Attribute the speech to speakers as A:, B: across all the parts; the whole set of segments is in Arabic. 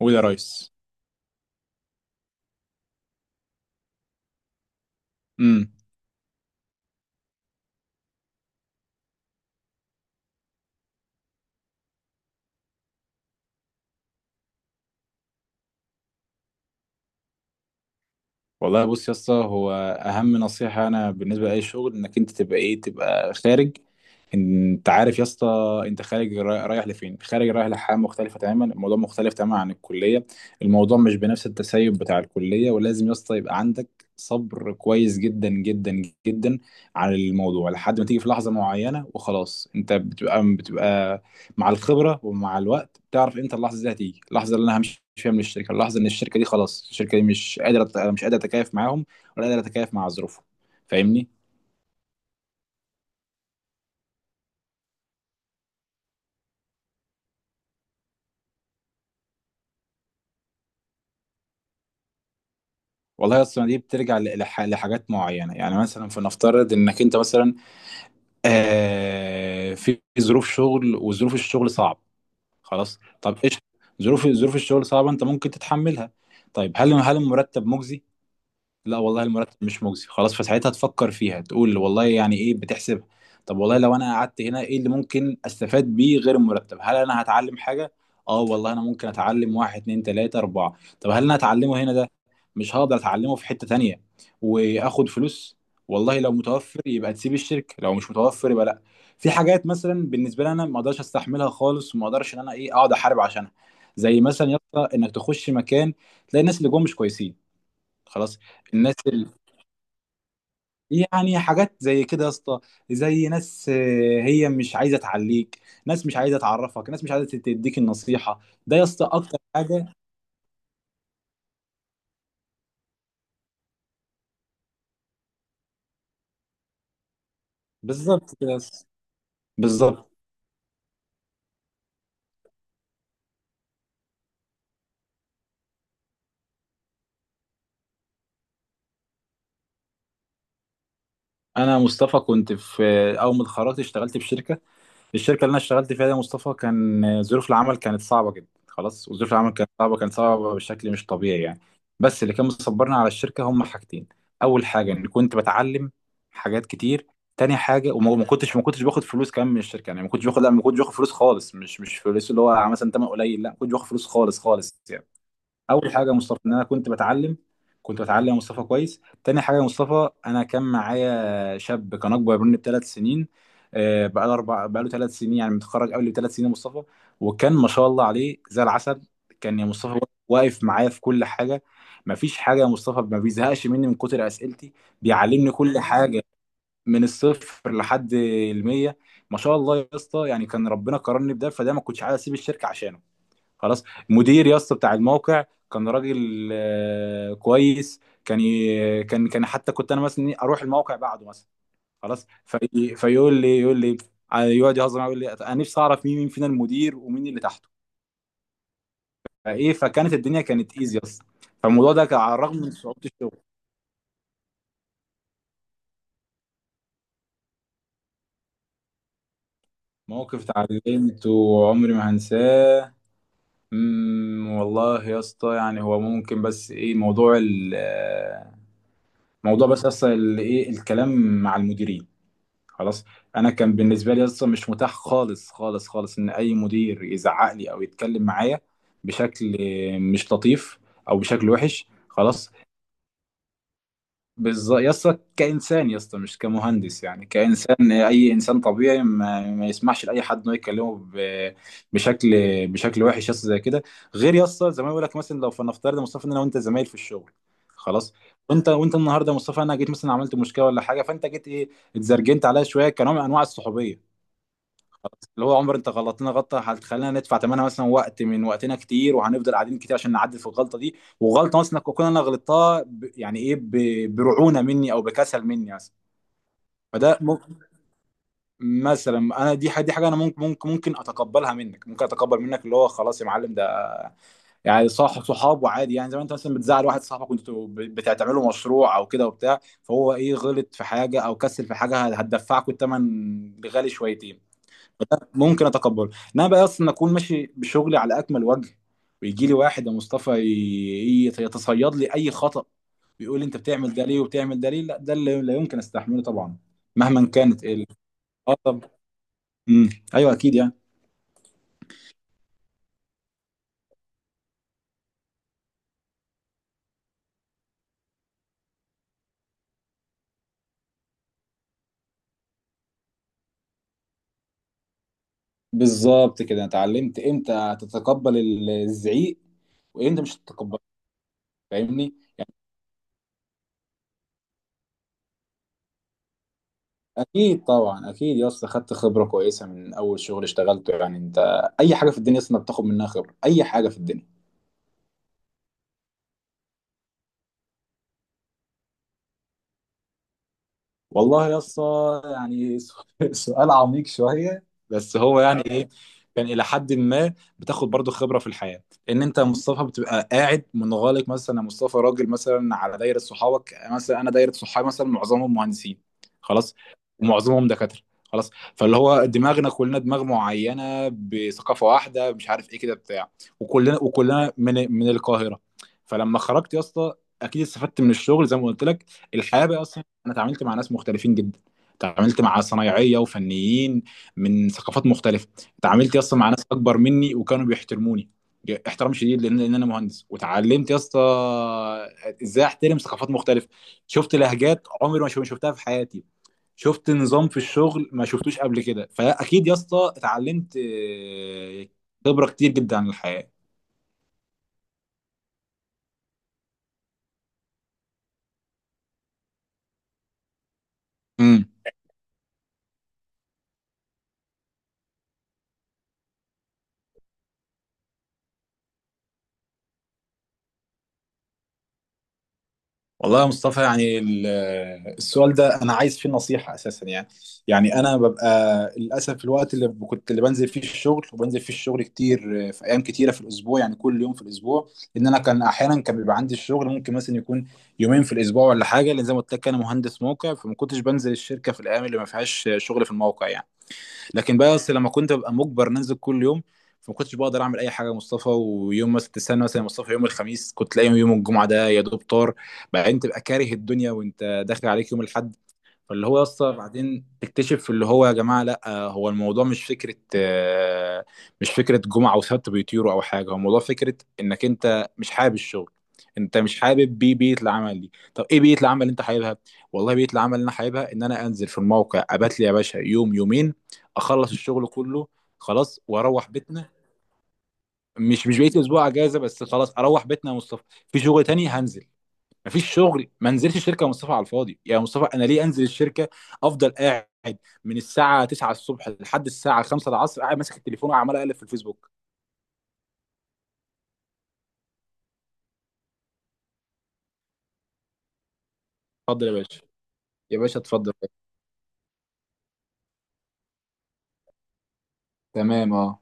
A: قول يا ريس. امم والله بص يا اسطى، هو اهم نصيحه انا بالنسبه لاي شغل انك انت تبقى ايه، تبقى خارج. انت عارف يا اسطى، انت خارج رايح لفين؟ خارج رايح لحاجه مختلفه تماما، الموضوع مختلف تماما عن الكليه. الموضوع مش بنفس التسيب بتاع الكليه، ولازم يا اسطى يبقى عندك صبر كويس جدا جدا جدا على الموضوع لحد ما تيجي في لحظه معينه وخلاص، انت بتبقى مع الخبره ومع الوقت بتعرف امتى اللحظه دي هتيجي، اللحظه اللي انا همشي فيها من الشركه، اللحظه ان الشركه دي خلاص، الشركه دي مش قادره اتكيف معاهم ولا قادره اتكيف مع ظروفهم. فاهمني؟ والله اصلا دي بترجع لحاجات معينه، يعني مثلا فنفترض انك انت مثلا آه في ظروف شغل وظروف الشغل صعب خلاص، طب ايش؟ ظروف الشغل صعبه، انت ممكن تتحملها. طيب هل المرتب مجزي؟ لا والله المرتب مش مجزي، خلاص. فساعتها تفكر فيها، تقول والله يعني ايه، بتحسبها. طب والله لو انا قعدت هنا ايه اللي ممكن استفاد بيه غير المرتب، هل انا هتعلم حاجة؟ اه والله انا ممكن اتعلم واحد اتنين تلاتة اربعة. طب هل انا هتعلمه هنا ده؟ مش هقدر اتعلمه في حتة تانية واخد فلوس. والله لو متوفر يبقى تسيب الشركة، لو مش متوفر يبقى لا. في حاجات مثلا بالنسبة لي انا ما اقدرش استحملها خالص، وما اقدرش ان انا ايه اقعد احارب عشانها. زي مثلا يا اسطى انك تخش مكان تلاقي الناس اللي جوه مش كويسين، خلاص. الناس ال... يعني حاجات زي كده يا اسطى، زي ناس هي مش عايزه تعليك، ناس مش عايزه تعرفك، ناس مش عايزه تديك النصيحه، ده يا اسطى اكتر حاجه. بالظبط كده يا اسطى، بالظبط. انا مصطفى كنت في آه، اول ما اتخرجت اشتغلت في شركه. الشركه اللي انا اشتغلت فيها دي يا مصطفى كان ظروف العمل كانت صعبه جدا خلاص، وظروف العمل كانت صعبه بشكل مش طبيعي يعني. بس اللي كان مصبرنا على الشركه هم حاجتين، اول حاجه اني كنت بتعلم حاجات كتير. تاني حاجه وما ما كنتش باخد فلوس كمان من الشركه، يعني ما كنتش باخد، لا ما كنتش باخد فلوس خالص، مش فلوس اللي هو مثلا تمن قليل، لا ما كنتش باخد فلوس خالص خالص يعني. اول حاجه يا مصطفى ان انا كنت بتعلم، كنت بتعلم يا مصطفى كويس. تاني حاجه يا مصطفى انا كان معايا شاب كان اكبر مني بثلاث سنين، آه، بقاله ثلاث سنين يعني متخرج قبل بثلاث سنين يا مصطفى، وكان ما شاء الله عليه زي العسل. كان يا مصطفى واقف معايا في كل حاجه، ما فيش حاجه يا مصطفى ما بيزهقش مني من كتر اسئلتي، بيعلمني كل حاجه من الصفر لحد المية. ما شاء الله يا اسطى، يعني كان ربنا كرمني بده، فده ما كنتش عايز اسيب الشركه عشانه، خلاص. المدير يا اسطى بتاع الموقع كان راجل كويس، كان ي- كان كان حتى كنت انا مثلا اروح الموقع بعده مثلا خلاص، فيقول لي يقول لي يقعد يهزر معايا، يقول لي انا نفسي اعرف مين مين فينا المدير ومين اللي تحته. فكانت الدنيا كانت ايزي اصلا، فالموضوع ده كان على الرغم من صعوبه الشغل. موقف اتعلمته وعمري ما هنساه. والله يا اسطى يعني هو ممكن بس ايه موضوع بس اصلا ال- ايه الكلام مع المديرين خلاص. انا كان بالنسبه لي اصلا مش متاح خالص خالص خالص ان اي مدير يزعق لي او يتكلم معايا بشكل مش لطيف او بشكل وحش خلاص. بالظبط يا اسطى، كانسان يا اسطى مش كمهندس، يعني كانسان، اي انسان طبيعي ما يسمحش لاي حد انه يكلمه بشكل بشكل وحش يا اسطى زي كده. غير يا اسطى زي ما بقول لك، مثلا لو فنفترض يا مصطفى ان انا وانت زمايل في الشغل، خلاص، وانت النهارده يا مصطفى انا جيت مثلا عملت مشكله ولا حاجه، فانت جيت ايه اتزرجنت عليا شويه كنوع من انواع الصحوبيه، اللي هو عمر انت غلطتنا غلطه هتخلينا ندفع ثمنها مثلا وقت من وقتنا كتير، وهنفضل قاعدين كتير عشان نعدل في الغلطه دي. وغلطه مثلا انا غلطتها ب... يعني ايه ب... برعونه مني او بكسل مني مثلا. فده ممكن مثلا انا، دي حاجه انا ممكن اتقبلها منك، ممكن اتقبل منك اللي هو خلاص يا معلم ده، يعني صاحب صحاب وعادي، يعني زي ما انت مثلا بتزعل واحد صاحبك، وانتوا بتعملوا مشروع او كده وبتاع، فهو ايه غلط في حاجه او كسل في حاجه هتدفعكوا الثمن غالي شويتين، ممكن اتقبله. انما بقى اصلا اكون ماشي بشغلي على اكمل وجه ويجي لي واحد يا مصطفى يتصيد لي اي خطأ ويقول لي انت بتعمل ده ليه وبتعمل ده ليه، لا ده اللي لا يمكن استحمله طبعا، مهما كانت اه طب امم ايوه اكيد يعني. بالظبط كده، انا اتعلمت امتى تتقبل الزعيق وامتى مش تتقبله. فاهمني؟ اكيد طبعا، اكيد يا اسطى خدت خبره كويسه من اول شغل اشتغلته يعني. انت اي حاجه في الدنيا اصلا بتاخد منها خبره، اي حاجه في الدنيا. والله يا اسطى يعني سؤال عميق شويه بس. هو يعني ايه؟ كان الى حد ما بتاخد برضو خبره في الحياه، ان انت يا مصطفى بتبقى قاعد منغلق مثلا. يا مصطفى راجل مثلا على دايره صحابك، مثلا انا دايره صحابي مثلا معظمهم مهندسين، خلاص، ومعظمهم دكاتره، خلاص. فاللي هو دماغنا كلنا دماغ معينه بثقافه واحده مش عارف ايه كده بتاع. وكلنا من القاهره. فلما خرجت يا اسطى اكيد استفدت من الشغل زي ما قلت لك. الحياه بقى، انا اتعاملت مع ناس مختلفين جدا، اتعاملت مع صنايعيه وفنيين من ثقافات مختلفه، اتعاملت يا اسطى مع ناس اكبر مني وكانوا بيحترموني احترام شديد لأن انا مهندس. وتعلمت يا اسطى ازاي احترم ثقافات مختلفه، شفت لهجات عمري ما شفتها في حياتي، شفت نظام في الشغل ما شفتوش قبل كده. فاكيد يا اسطى اتعلمت خبره كتير جدا عن الحياه. والله يا مصطفى يعني السؤال ده انا عايز فيه نصيحه اساسا يعني. يعني انا ببقى للاسف، الوقت اللي كنت اللي بنزل فيه الشغل، وبنزل فيه الشغل كتير في ايام كتيره في الاسبوع، يعني كل يوم في الاسبوع. ان انا كان احيانا كان بيبقى عندي الشغل ممكن مثلا يكون يومين في الاسبوع ولا حاجه، لان زي ما قلت لك انا مهندس موقع، فما كنتش بنزل الشركه في الايام اللي ما فيهاش شغل في الموقع يعني. لكن بقى اصل لما كنت ببقى مجبر ننزل كل يوم، فما كنتش بقدر اعمل اي حاجه يا مصطفى. ويوم مثلا تستنى مثلا يا مصطفى يوم الخميس، كنت تلاقي يوم الجمعه ده يا دوب طار، بعدين تبقى كاره الدنيا وانت داخل عليك يوم الاحد. فاللي هو يا اسطى بعدين تكتشف اللي هو يا جماعه لا، هو الموضوع مش فكره مش فكره جمعه وسبت بيطيروا او حاجه، هو الموضوع فكره انك انت مش حابب الشغل، انت مش حابب بيئه العمل دي. طب ايه بيئه العمل اللي انت حاببها؟ والله بيئه العمل اللي انا حاببها ان انا انزل في الموقع، ابات لي يا باشا يوم يومين اخلص الشغل كله خلاص، واروح بيتنا. مش بقيت اسبوع اجازه بس، خلاص اروح بيتنا يا مصطفى. في شغل تاني هنزل، مفيش شغل ما انزلش الشركه. يا مصطفى على الفاضي، يا مصطفى انا ليه انزل الشركه؟ افضل قاعد من الساعه 9 الصبح لحد الساعه 5 العصر قاعد ماسك التليفون وعمال اقلب في الفيسبوك. اتفضل يا باشا، يا باشا اتفضل. تمام اه.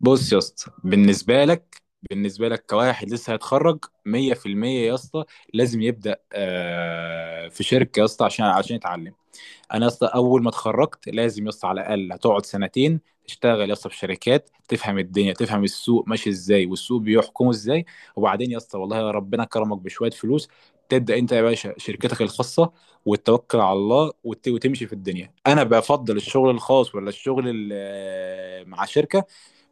A: بص يا اسطى، بالنسبه لك، بالنسبه لك كواحد لسه هيتخرج 100% يا اسطى لازم يبدا في شركه يا اسطى عشان يتعلم. انا اصلا اول ما اتخرجت لازم يصل على الاقل هتقعد سنتين تشتغل يا اسطى في شركات، تفهم الدنيا، تفهم السوق ماشي ازاي والسوق بيحكمه ازاي. وبعدين يا اسطى والله ربنا كرمك بشويه فلوس، تبدا انت يا باشا شركتك الخاصه، وتتوكل على الله وتمشي في الدنيا. انا بفضل الشغل الخاص ولا الشغل مع شركه؟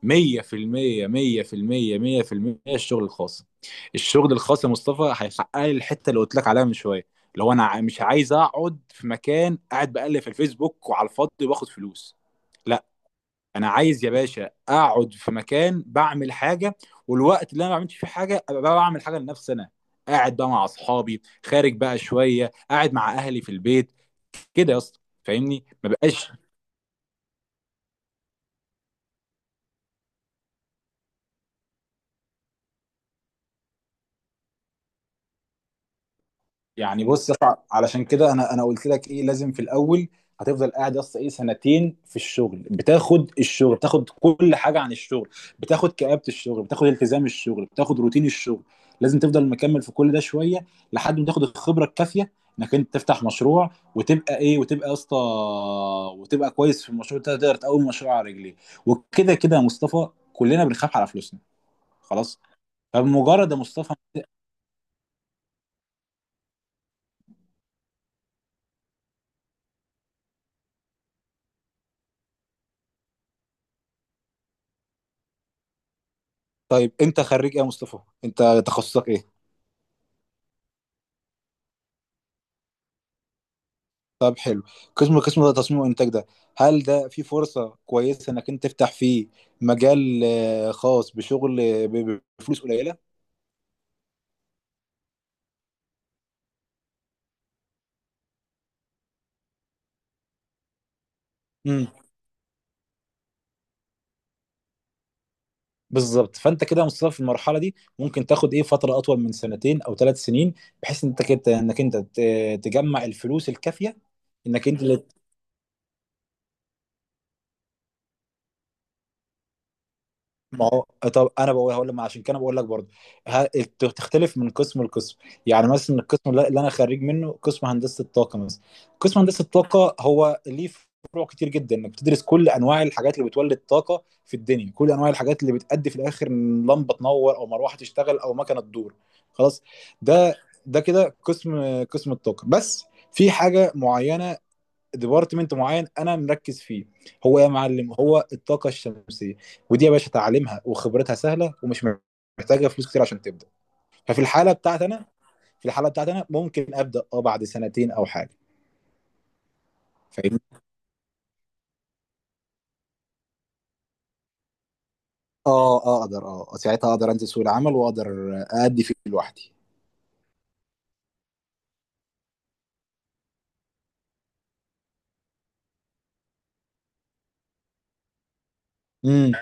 A: مية في المية مية في المية مية في المية الشغل الخاص. الشغل الخاص يا مصطفى هيحقق لي الحتة اللي قلت لك عليها من شوية. لو أنا مش عايز أقعد في مكان قاعد بقلب في الفيسبوك وعلى الفاضي باخد فلوس، لا، أنا عايز يا باشا أقعد في مكان بعمل حاجة. والوقت اللي أنا ما بعملش فيه حاجة أبقى بقى بعمل حاجة لنفسي أنا، قاعد بقى مع أصحابي، خارج بقى شوية، قاعد مع أهلي في البيت، كده يا اسطى. فاهمني؟ ما بقاش يعني. بص يا اسطى، علشان كده انا قلت لك ايه لازم في الاول هتفضل قاعد يا اسطى ايه سنتين في الشغل، بتاخد الشغل، بتاخد كل حاجه عن الشغل، بتاخد كآبة الشغل، بتاخد التزام الشغل، بتاخد روتين الشغل. لازم تفضل مكمل في كل ده شويه لحد ما تاخد الخبره الكافيه انك انت تفتح مشروع وتبقى ايه وتبقى يا اسطى وتبقى كويس في المشروع ده تقدر تقوم مشروع على رجليه. وكده كده يا مصطفى كلنا بنخاف على فلوسنا، خلاص. فبمجرد يا مصطفى. طيب انت خريج ايه يا مصطفى؟ انت تخصصك ايه؟ طب حلو. قسم ده تصميم وانتاج ده، هل ده في فرصة كويسة انك انت تفتح فيه مجال خاص بشغل بفلوس قليلة؟ امم بالظبط. فانت كده يا مصطفى في المرحله دي ممكن تاخد ايه فتره اطول من سنتين او ثلاث سنين، بحيث ان انت كده انك انت تجمع الفلوس الكافيه انك انت. ما هو طب انا بقول، هقول لك، ما عشان كده بقول لك برضه تختلف من قسم لقسم. يعني مثلا القسم اللي انا خريج منه قسم هندسه الطاقه مثلا. قسم هندسه الطاقه هو ليه فروع كتير جدا، انك بتدرس كل انواع الحاجات اللي بتولد طاقه في الدنيا، كل انواع الحاجات اللي بتأدي في الاخر ان لمبه تنور او مروحه تشتغل او مكنه تدور، خلاص. ده ده كده قسم الطاقه بس. في حاجه معينه، ديبارتمنت معين انا مركز فيه، هو يا معلم هو الطاقه الشمسيه، ودي يا باشا تعليمها وخبرتها سهله ومش محتاجه فلوس كتير عشان تبدا. ففي الحاله بتاعتي انا في الحاله بتاعتي انا ممكن ابدا اه بعد سنتين او حاجه. فاهمني؟ اه اقدر اه ساعتها اقدر انزل سوق العمل واقدر ادي فيه لوحدي. امم.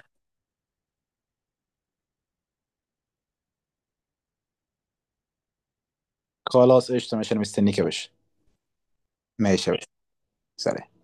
A: خلاص قشطه ماشي، انا مستنيك يا باشا. ماشي يا باشا. سلام.